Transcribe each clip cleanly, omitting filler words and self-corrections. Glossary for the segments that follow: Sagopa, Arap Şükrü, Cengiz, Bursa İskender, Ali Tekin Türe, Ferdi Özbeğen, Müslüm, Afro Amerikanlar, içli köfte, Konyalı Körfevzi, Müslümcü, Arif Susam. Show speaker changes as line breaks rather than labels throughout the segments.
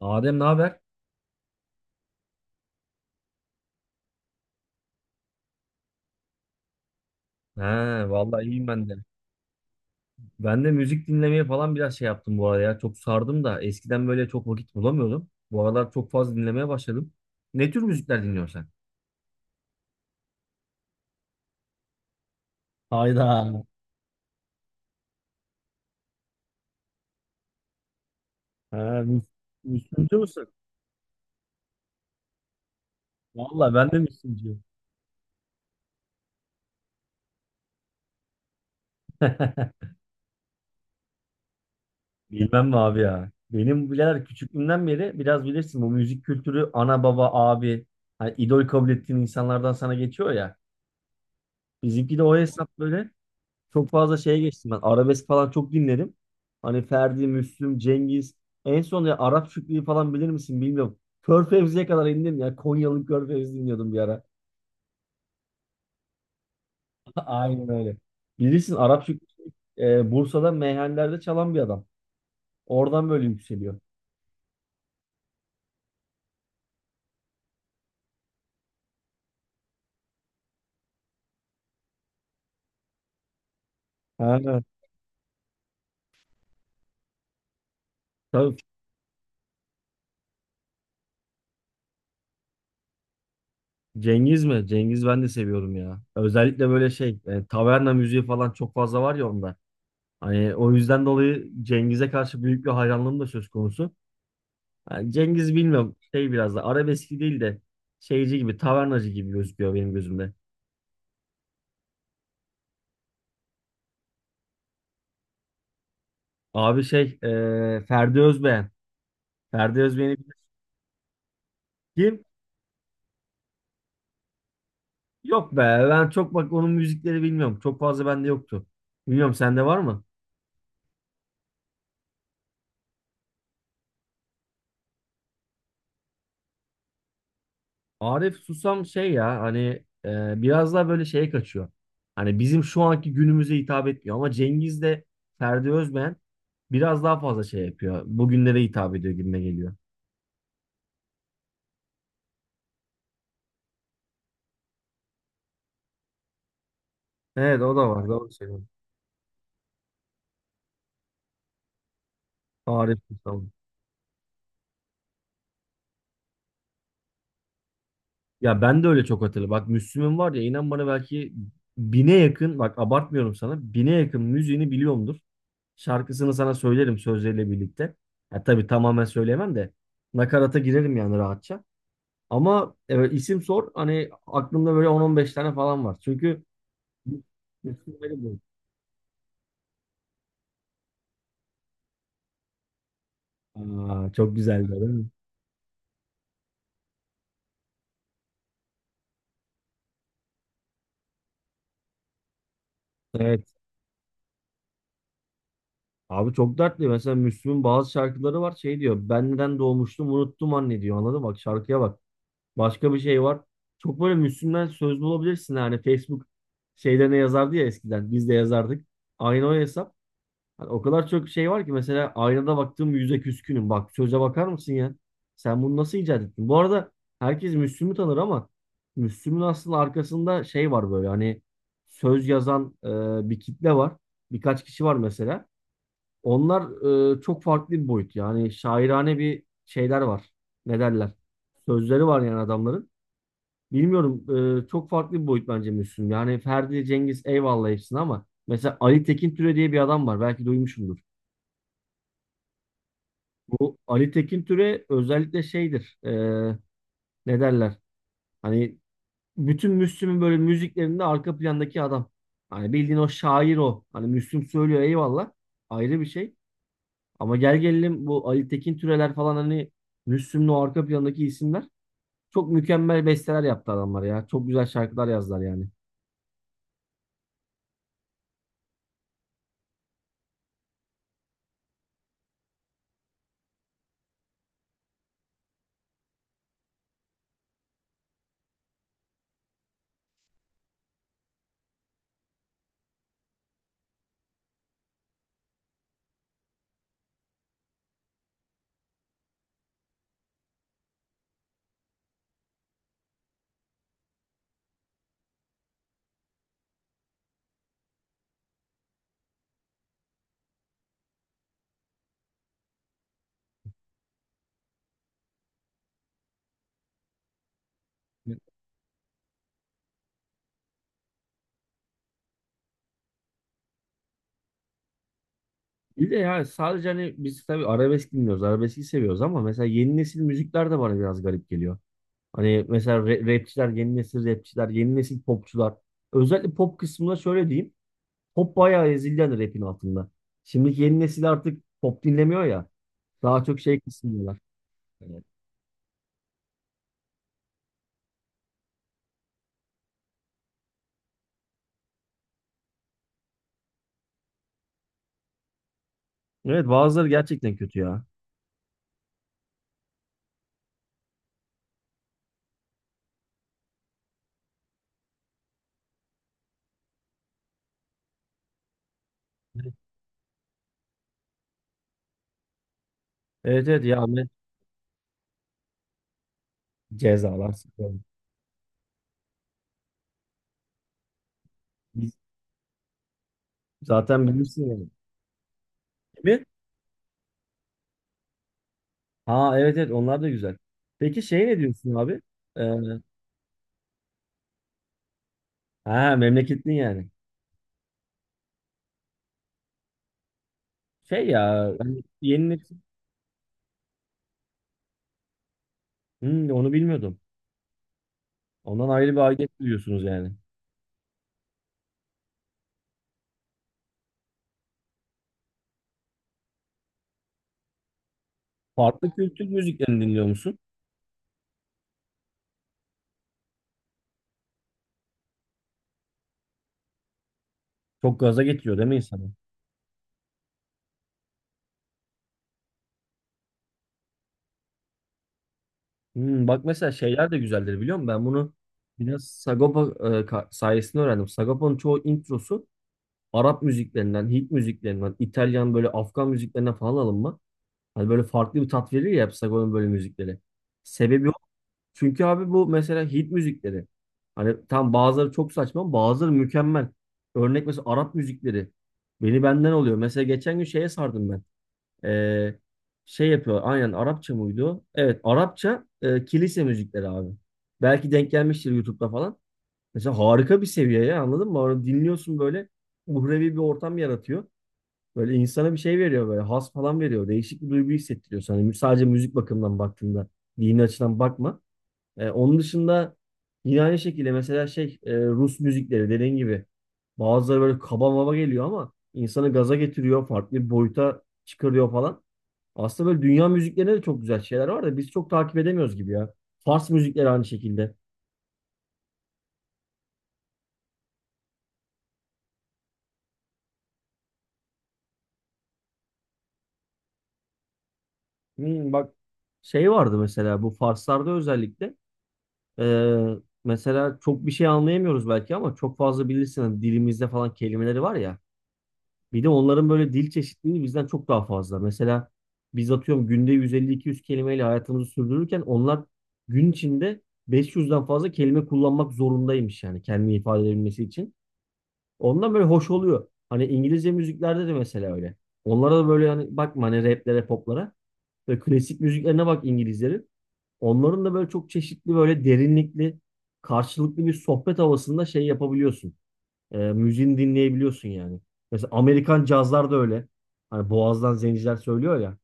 Adem ne haber? He, vallahi iyiyim ben de. Ben de müzik dinlemeye falan biraz şey yaptım bu arada ya. Çok sardım da eskiden böyle çok vakit bulamıyordum. Bu aralar çok fazla dinlemeye başladım. Ne tür müzikler dinliyorsun sen? Hayda. Ha, Müs- Müslümcü müsün? Valla ben de Müslümcüyüm. Bilmem mi abi ya? Benim birader küçüklüğümden beri biraz bilirsin bu müzik kültürü ana baba abi, hani idol kabul ettiğin insanlardan sana geçiyor ya. Bizimki de o hesap böyle. Çok fazla şeye geçtim ben. Arabesk falan çok dinledim. Hani Ferdi, Müslüm, Cengiz. En son ya Arap Şükrü'yü falan bilir misin bilmiyorum. Körfevzi'ye kadar indim ya. Konyalı Körfevzi dinliyordum bir ara. Aynen öyle. Bilirsin Arap Şükrü Bursa'da meyhanelerde çalan bir adam. Oradan böyle yükseliyor. Ha. Tabii Cengiz mi? Cengiz ben de seviyorum ya. Özellikle böyle şey taverna müziği falan çok fazla var ya onda. Hani o yüzden dolayı Cengiz'e karşı büyük bir hayranlığım da söz konusu. Yani Cengiz bilmiyorum şey biraz da arabeski değil de şeyci gibi tavernacı gibi gözüküyor benim gözümde. Abi şey Ferdi Özbeğen. Ferdi Özbeğen'i bilir kim? Yok be, ben çok bak onun müzikleri bilmiyorum. Çok fazla bende yoktu. Bilmiyorum sende var mı? Arif Susam şey ya hani biraz daha böyle şeye kaçıyor. Hani bizim şu anki günümüze hitap etmiyor ama Cengiz de Ferdi Özbeğen biraz daha fazla şey yapıyor. Bugünlere hitap ediyor gibime geliyor. Evet, o da var, doğru söylüyorsun. Arif Susam. Ya ben de öyle çok hatırlı. Bak Müslüm'ün var ya, inan bana belki 1.000'e yakın, bak abartmıyorum sana, 1.000'e yakın müziğini biliyorumdur. Şarkısını sana söylerim sözleriyle birlikte. Ya tabii tamamen söyleyemem de nakarata girerim yani rahatça. Ama evet, isim sor, hani aklımda böyle on on beş tane falan var. Çünkü Müslüm benim bu. Aa, çok güzeldi değil mi? Evet. Abi çok dertli. Mesela Müslüm'ün bazı şarkıları var şey diyor. Ben neden doğmuştum unuttum anne diyor. Anladın mı? Bak şarkıya bak. Başka bir şey var. Çok böyle Müslüm'den söz bulabilirsin. Yani Facebook şeyde ne yazardı ya eskiden. Biz de yazardık. Aynı o hesap. Hani o kadar çok şey var ki mesela aynada baktığım yüze küskünüm. Bak söze bakar mısın ya? Sen bunu nasıl icat ettin? Bu arada herkes Müslüm'ü tanır ama Müslüm'ün aslında arkasında şey var böyle, hani söz yazan bir kitle var. Birkaç kişi var mesela. Onlar çok farklı bir boyut. Yani şairane bir şeyler var. Ne derler? Sözleri var yani adamların. Bilmiyorum, çok farklı bir boyut bence Müslüm. Yani Ferdi, Cengiz eyvallah hepsini ama mesela Ali Tekin Türe diye bir adam var. Belki duymuşumdur. Bu Ali Tekin Türe özellikle şeydir. Ne derler? Hani bütün Müslüm'ün böyle müziklerinde arka plandaki adam. Hani bildiğin o şair o. Hani Müslüm söylüyor eyvallah. Ayrı bir şey. Ama gel gelelim bu Ali Tekin Türeler falan, hani Müslüm'ün o arka plandaki isimler. Çok mükemmel besteler yaptı adamlar ya. Çok güzel şarkılar yazdılar yani. Bir de yani sadece hani biz tabii arabesk dinliyoruz, arabeski seviyoruz ama mesela yeni nesil müzikler de bana biraz garip geliyor. Hani mesela rapçiler, yeni nesil rapçiler, yeni nesil popçular. Özellikle pop kısmında şöyle diyeyim. Pop bayağı ezildi hani rapin altında. Şimdiki yeni nesil artık pop dinlemiyor ya. Daha çok şey kısmıyorlar. Evet. Evet, bazıları gerçekten kötü ya. Evet evet ya Ahmet. Cezalar sıkıyorum. Biz, zaten bilirsin yani. Değil mi? Ha evet evet, onlar da güzel. Peki şey ne diyorsun abi? Ha, memleketlin yani. Şey ya hani yeni nesil. Hmm, onu bilmiyordum. Ondan ayrı bir aidiyet duyuyorsunuz yani. Farklı kültür müziklerini dinliyor musun? Çok gaza getiriyor değil mi insanı? Hmm, bak mesela şeyler de güzeldir biliyor musun? Ben bunu biraz Sagopa sayesinde öğrendim. Sagopa'nın çoğu introsu Arap müziklerinden, Hint müziklerinden, İtalyan böyle Afgan müziklerinden falan alınma. Hani böyle farklı bir tat verir ya hep Sagopa'nın böyle müzikleri. Sebebi, çünkü abi bu mesela hit müzikleri. Hani tam bazıları çok saçma, bazıları mükemmel. Örnek mesela Arap müzikleri. Beni benden oluyor. Mesela geçen gün şeye sardım ben. Ee, Şey yapıyor. Aynen Arapça mıydı o? Evet Arapça kilise müzikleri abi. Belki denk gelmiştir YouTube'da falan. Mesela harika bir seviye ya anladın mı? Onu dinliyorsun böyle uhrevi bir ortam yaratıyor. Böyle insana bir şey veriyor, böyle has falan veriyor. Değişik bir duygu hissettiriyor sana. Sadece müzik bakımından baktığında, dini açıdan bakma. Onun dışında yine aynı şekilde mesela şey, Rus müzikleri dediğin gibi bazıları böyle kaba maba geliyor ama insanı gaza getiriyor, farklı bir boyuta çıkarıyor falan. Aslında böyle dünya müziklerinde de çok güzel şeyler var da biz çok takip edemiyoruz gibi ya. Fars müzikleri aynı şekilde. Hmm, bak şey vardı mesela bu Farslarda özellikle, e, mesela çok bir şey anlayamıyoruz belki ama çok fazla bilirsin hani dilimizde falan kelimeleri var ya. Bir de onların böyle dil çeşitliliği bizden çok daha fazla. Mesela biz atıyorum günde 150-200 kelimeyle hayatımızı sürdürürken onlar gün içinde 500'den fazla kelime kullanmak zorundaymış yani kendini ifade edebilmesi için. Ondan böyle hoş oluyor. Hani İngilizce müziklerde de mesela öyle. Onlara da böyle hani bakma hani raplere, poplara. Böyle klasik müziklerine bak İngilizlerin. Onların da böyle çok çeşitli, böyle derinlikli, karşılıklı bir sohbet havasında şey yapabiliyorsun. Müziğini dinleyebiliyorsun yani. Mesela Amerikan cazlar da öyle. Hani boğazdan zenciler söylüyor ya.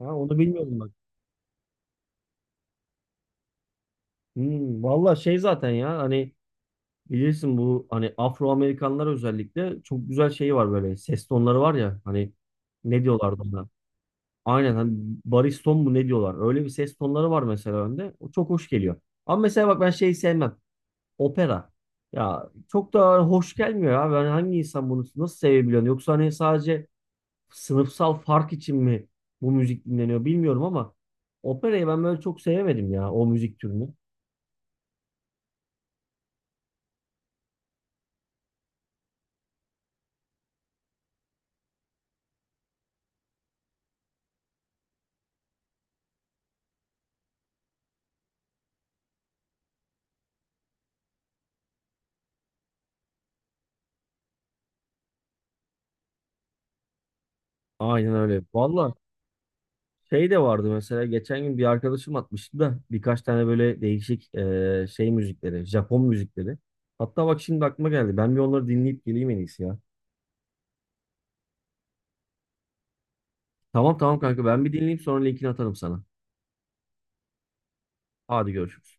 Ha, onu bilmiyordum bak. Hmm, valla şey zaten ya hani bilirsin bu hani Afro Amerikanlar özellikle çok güzel şeyi var böyle, ses tonları var ya hani, ne diyorlardı ona? Aynen hani bariston mu ne diyorlar? Öyle bir ses tonları var mesela önde. O çok hoş geliyor. Ama mesela bak ben şeyi sevmem. Opera. Ya çok da hoş gelmiyor abi. Ben hangi insan bunu nasıl sevebiliyor? Yoksa hani sadece sınıfsal fark için mi bu müzik dinleniyor bilmiyorum ama operayı ben böyle çok sevemedim ya o müzik türünü. Aynen öyle. Valla şey de vardı mesela geçen gün bir arkadaşım atmıştı da birkaç tane böyle değişik, şey müzikleri, Japon müzikleri. Hatta bak şimdi aklıma geldi. Ben bir onları dinleyip geleyim en iyisi ya. Tamam tamam kanka, ben bir dinleyeyim sonra linkini atarım sana. Hadi görüşürüz.